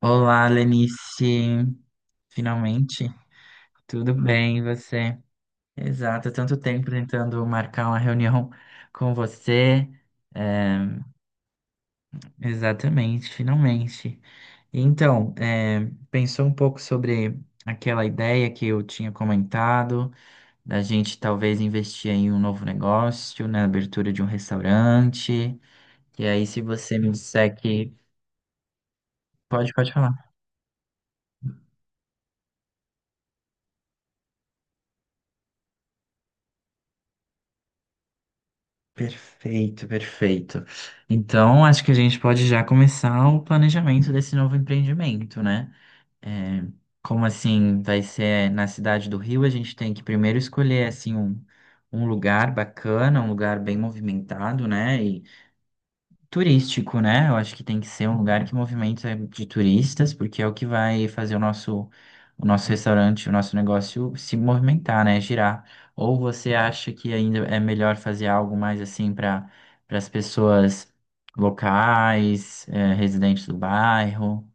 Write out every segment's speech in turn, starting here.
Olá, Lenice. Finalmente, tudo bem, e você? Exato, tanto tempo tentando marcar uma reunião com você. É, exatamente, finalmente. Então, pensou um pouco sobre aquela ideia que eu tinha comentado, da gente talvez investir em um novo negócio, na abertura de um restaurante. E aí, se você me disser que. Pode falar. Perfeito, perfeito. Então, acho que a gente pode já começar o planejamento desse novo empreendimento, né? É, como assim vai ser na cidade do Rio, a gente tem que primeiro escolher assim um lugar bacana, um lugar bem movimentado, né? Turístico, né? Eu acho que tem que ser um lugar que movimenta de turistas, porque é o que vai fazer o nosso restaurante, o nosso negócio se movimentar, né? Girar. Ou você acha que ainda é melhor fazer algo mais assim para para as pessoas locais, residentes do bairro? O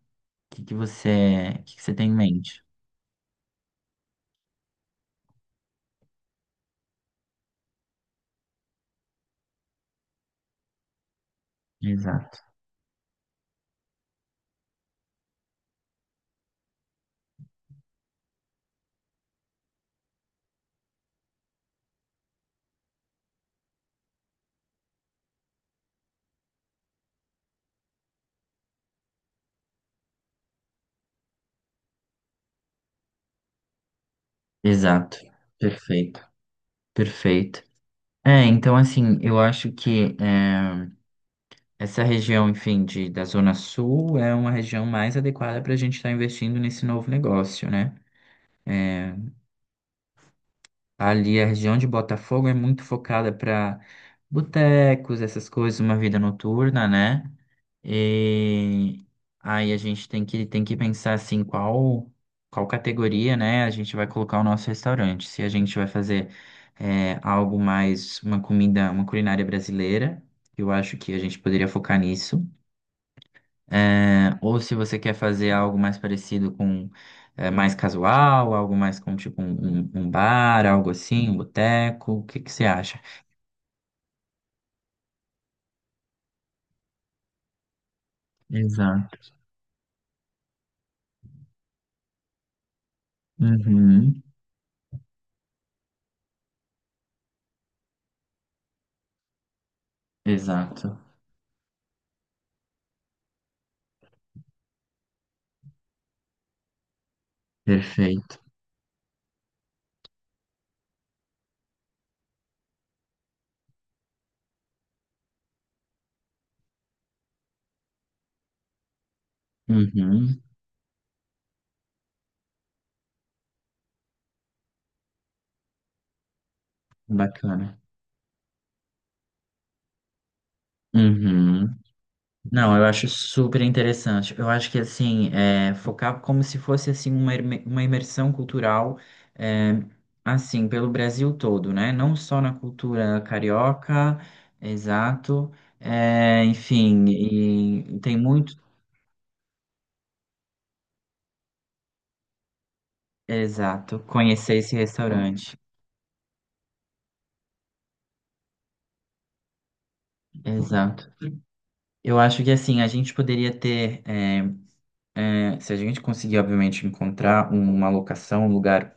que que você, o que que você tem em mente? Exato. Exato. Perfeito. Perfeito. É, então assim, eu acho que essa região, enfim, da Zona Sul é uma região mais adequada para a gente estar investindo nesse novo negócio, né? É, ali a região de Botafogo é muito focada para botecos, essas coisas, uma vida noturna, né? E aí a gente tem tem que pensar assim, qual categoria, né, a gente vai colocar o nosso restaurante. Se a gente vai fazer algo mais, uma comida, uma culinária brasileira, eu acho que a gente poderia focar nisso. É, ou se você quer fazer algo mais parecido com mais casual, algo mais com tipo um bar, algo assim, um boteco, o que que você acha? Exato. Uhum. Exato. Perfeito. Uhum. Bacana. Uhum. Não, eu acho super interessante. Eu acho que assim, é, focar como se fosse assim uma imersão cultural, é, assim, pelo Brasil todo, né? Não só na cultura carioca, exato. É, enfim, e tem muito, exato, conhecer esse restaurante, exato. Eu acho que assim, a gente poderia ter, se a gente conseguir, obviamente, encontrar uma locação, um lugar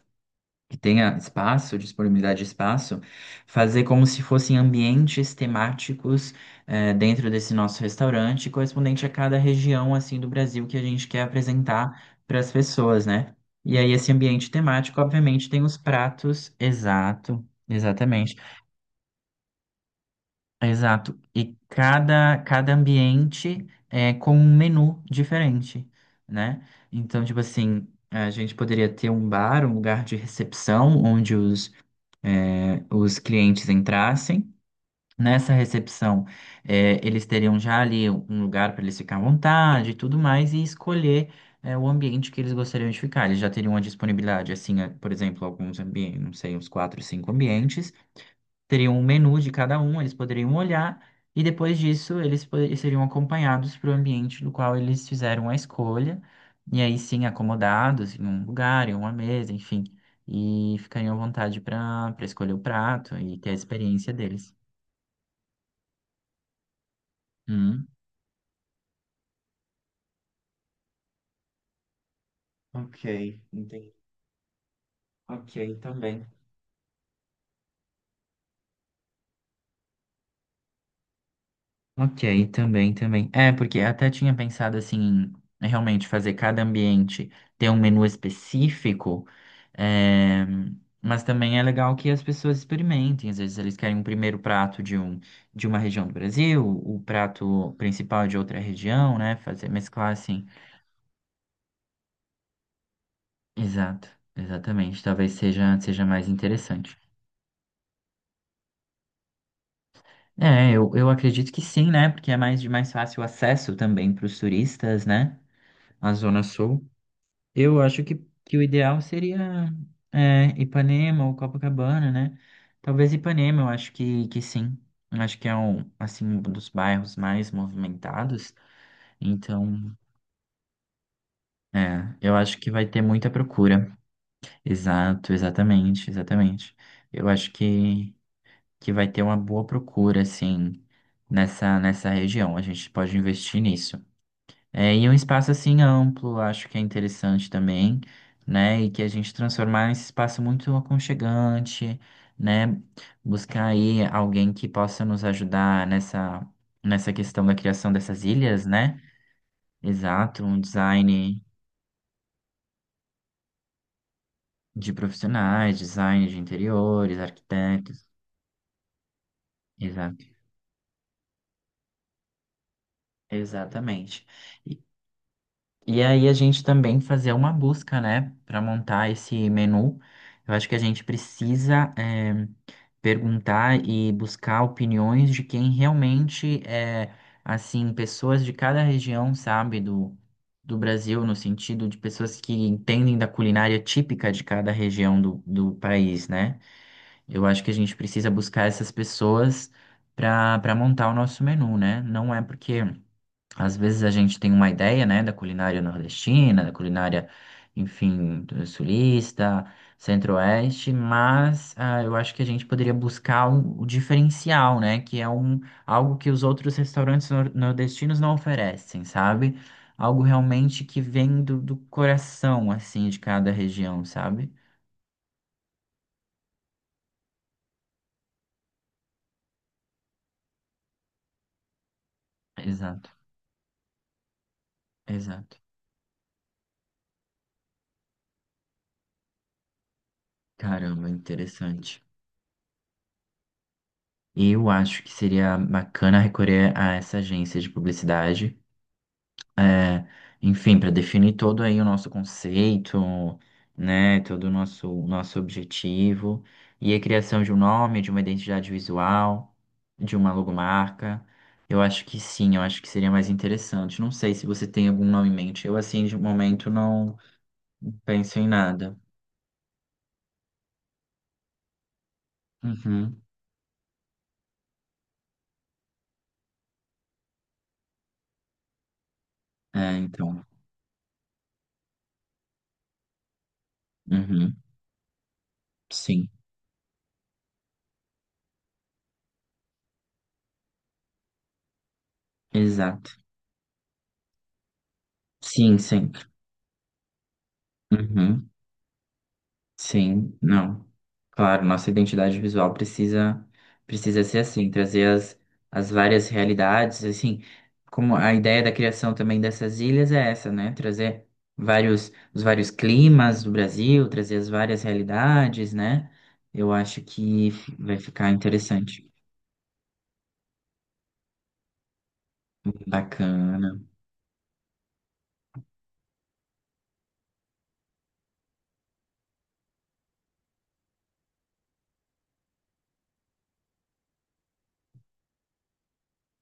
que tenha espaço, disponibilidade de espaço, fazer como se fossem ambientes temáticos dentro desse nosso restaurante, correspondente a cada região assim do Brasil que a gente quer apresentar para as pessoas, né? E aí esse ambiente temático, obviamente, tem os pratos, exato, exatamente, exato, e cada ambiente é com um menu diferente, né? Então, tipo assim, a gente poderia ter um bar, um lugar de recepção, onde os clientes entrassem. Nessa recepção, eles teriam já ali um lugar para eles ficar à vontade e tudo mais, e escolher, o ambiente que eles gostariam de ficar. Eles já teriam a disponibilidade, assim, eh, por exemplo, alguns ambientes, não sei, uns quatro, cinco ambientes teriam um menu de cada um, eles poderiam olhar, e depois disso eles seriam acompanhados para o ambiente do qual eles fizeram a escolha, e aí sim acomodados em um lugar, em uma mesa, enfim, e ficariam à vontade para escolher o prato e ter a experiência deles. Hum. Ok, entendi. Ok, também. Ok, também, também. É, porque até tinha pensado assim, em realmente fazer cada ambiente ter um menu específico, eh, mas também é legal que as pessoas experimentem. Às vezes eles querem um primeiro prato de uma região do Brasil, o prato principal de outra região, né? Fazer mesclar assim. Exato, exatamente. Seja mais interessante. Eu acredito que sim, né? Porque é mais de mais fácil acesso também para os turistas, né? A Zona Sul. Eu acho que, que o ideal seria Ipanema ou Copacabana, né? Talvez Ipanema, que sim. Eu acho que é um, assim, um dos bairros mais movimentados. Então, é, eu acho que vai ter muita procura. Exato, exatamente, exatamente. Eu acho que, que vai ter uma boa procura, assim, nessa região. A gente pode investir nisso. É, e um espaço assim amplo, acho que é interessante também, né? E que a gente transformar esse espaço muito aconchegante, né? Buscar aí alguém que possa nos ajudar nessa questão da criação dessas ilhas, né? Exato, um design de profissionais, design de interiores, arquitetos. Exato. Exatamente. E aí a gente também fazer uma busca, né, para montar esse menu. Eu acho que a gente precisa perguntar e buscar opiniões de quem realmente é, assim, pessoas de cada região, sabe, do Brasil, no sentido de pessoas que entendem da culinária típica de cada região do país, né? Eu acho que a gente precisa buscar essas pessoas para montar o nosso menu, né? Não é porque às vezes a gente tem uma ideia, né, da culinária nordestina, da culinária, enfim, do sulista, centro-oeste, mas ah, eu acho que a gente poderia buscar o diferencial, né, que é algo que os outros restaurantes nordestinos não oferecem, sabe? Algo realmente que vem do coração, assim, de cada região, sabe? Exato, exato. Caramba, interessante. Eu acho que seria bacana recorrer a essa agência de publicidade. É, enfim, para definir todo aí o nosso conceito, né, todo nosso objetivo, e a criação de um nome, de uma identidade visual, de uma logomarca, eu acho que sim, eu acho que seria mais interessante. Não sei se você tem algum nome em mente, eu assim, de momento, não penso em nada. Uhum. É, então, uhum. Sim, exato. Sim, sempre. Uhum. Sim, não. Claro, nossa identidade visual precisa ser assim, trazer as várias realidades, assim, como a ideia da criação também dessas ilhas é essa, né? Trazer vários os vários climas do Brasil, trazer as várias realidades, né? Eu acho que vai ficar interessante. Bacana.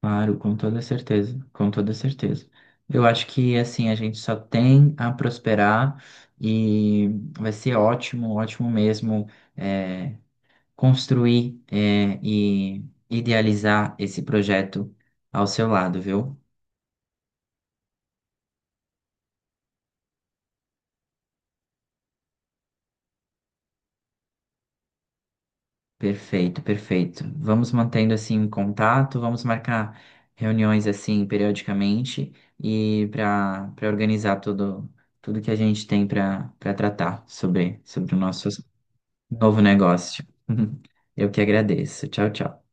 Claro, com toda certeza, com toda certeza. Eu acho que assim a gente só tem a prosperar e vai ser ótimo, ótimo mesmo é, construir e idealizar esse projeto ao seu lado, viu? Perfeito, perfeito. Vamos mantendo assim um contato, vamos marcar reuniões assim periodicamente e para organizar tudo que a gente tem para tratar sobre o nosso novo negócio. Eu que agradeço. Tchau, tchau.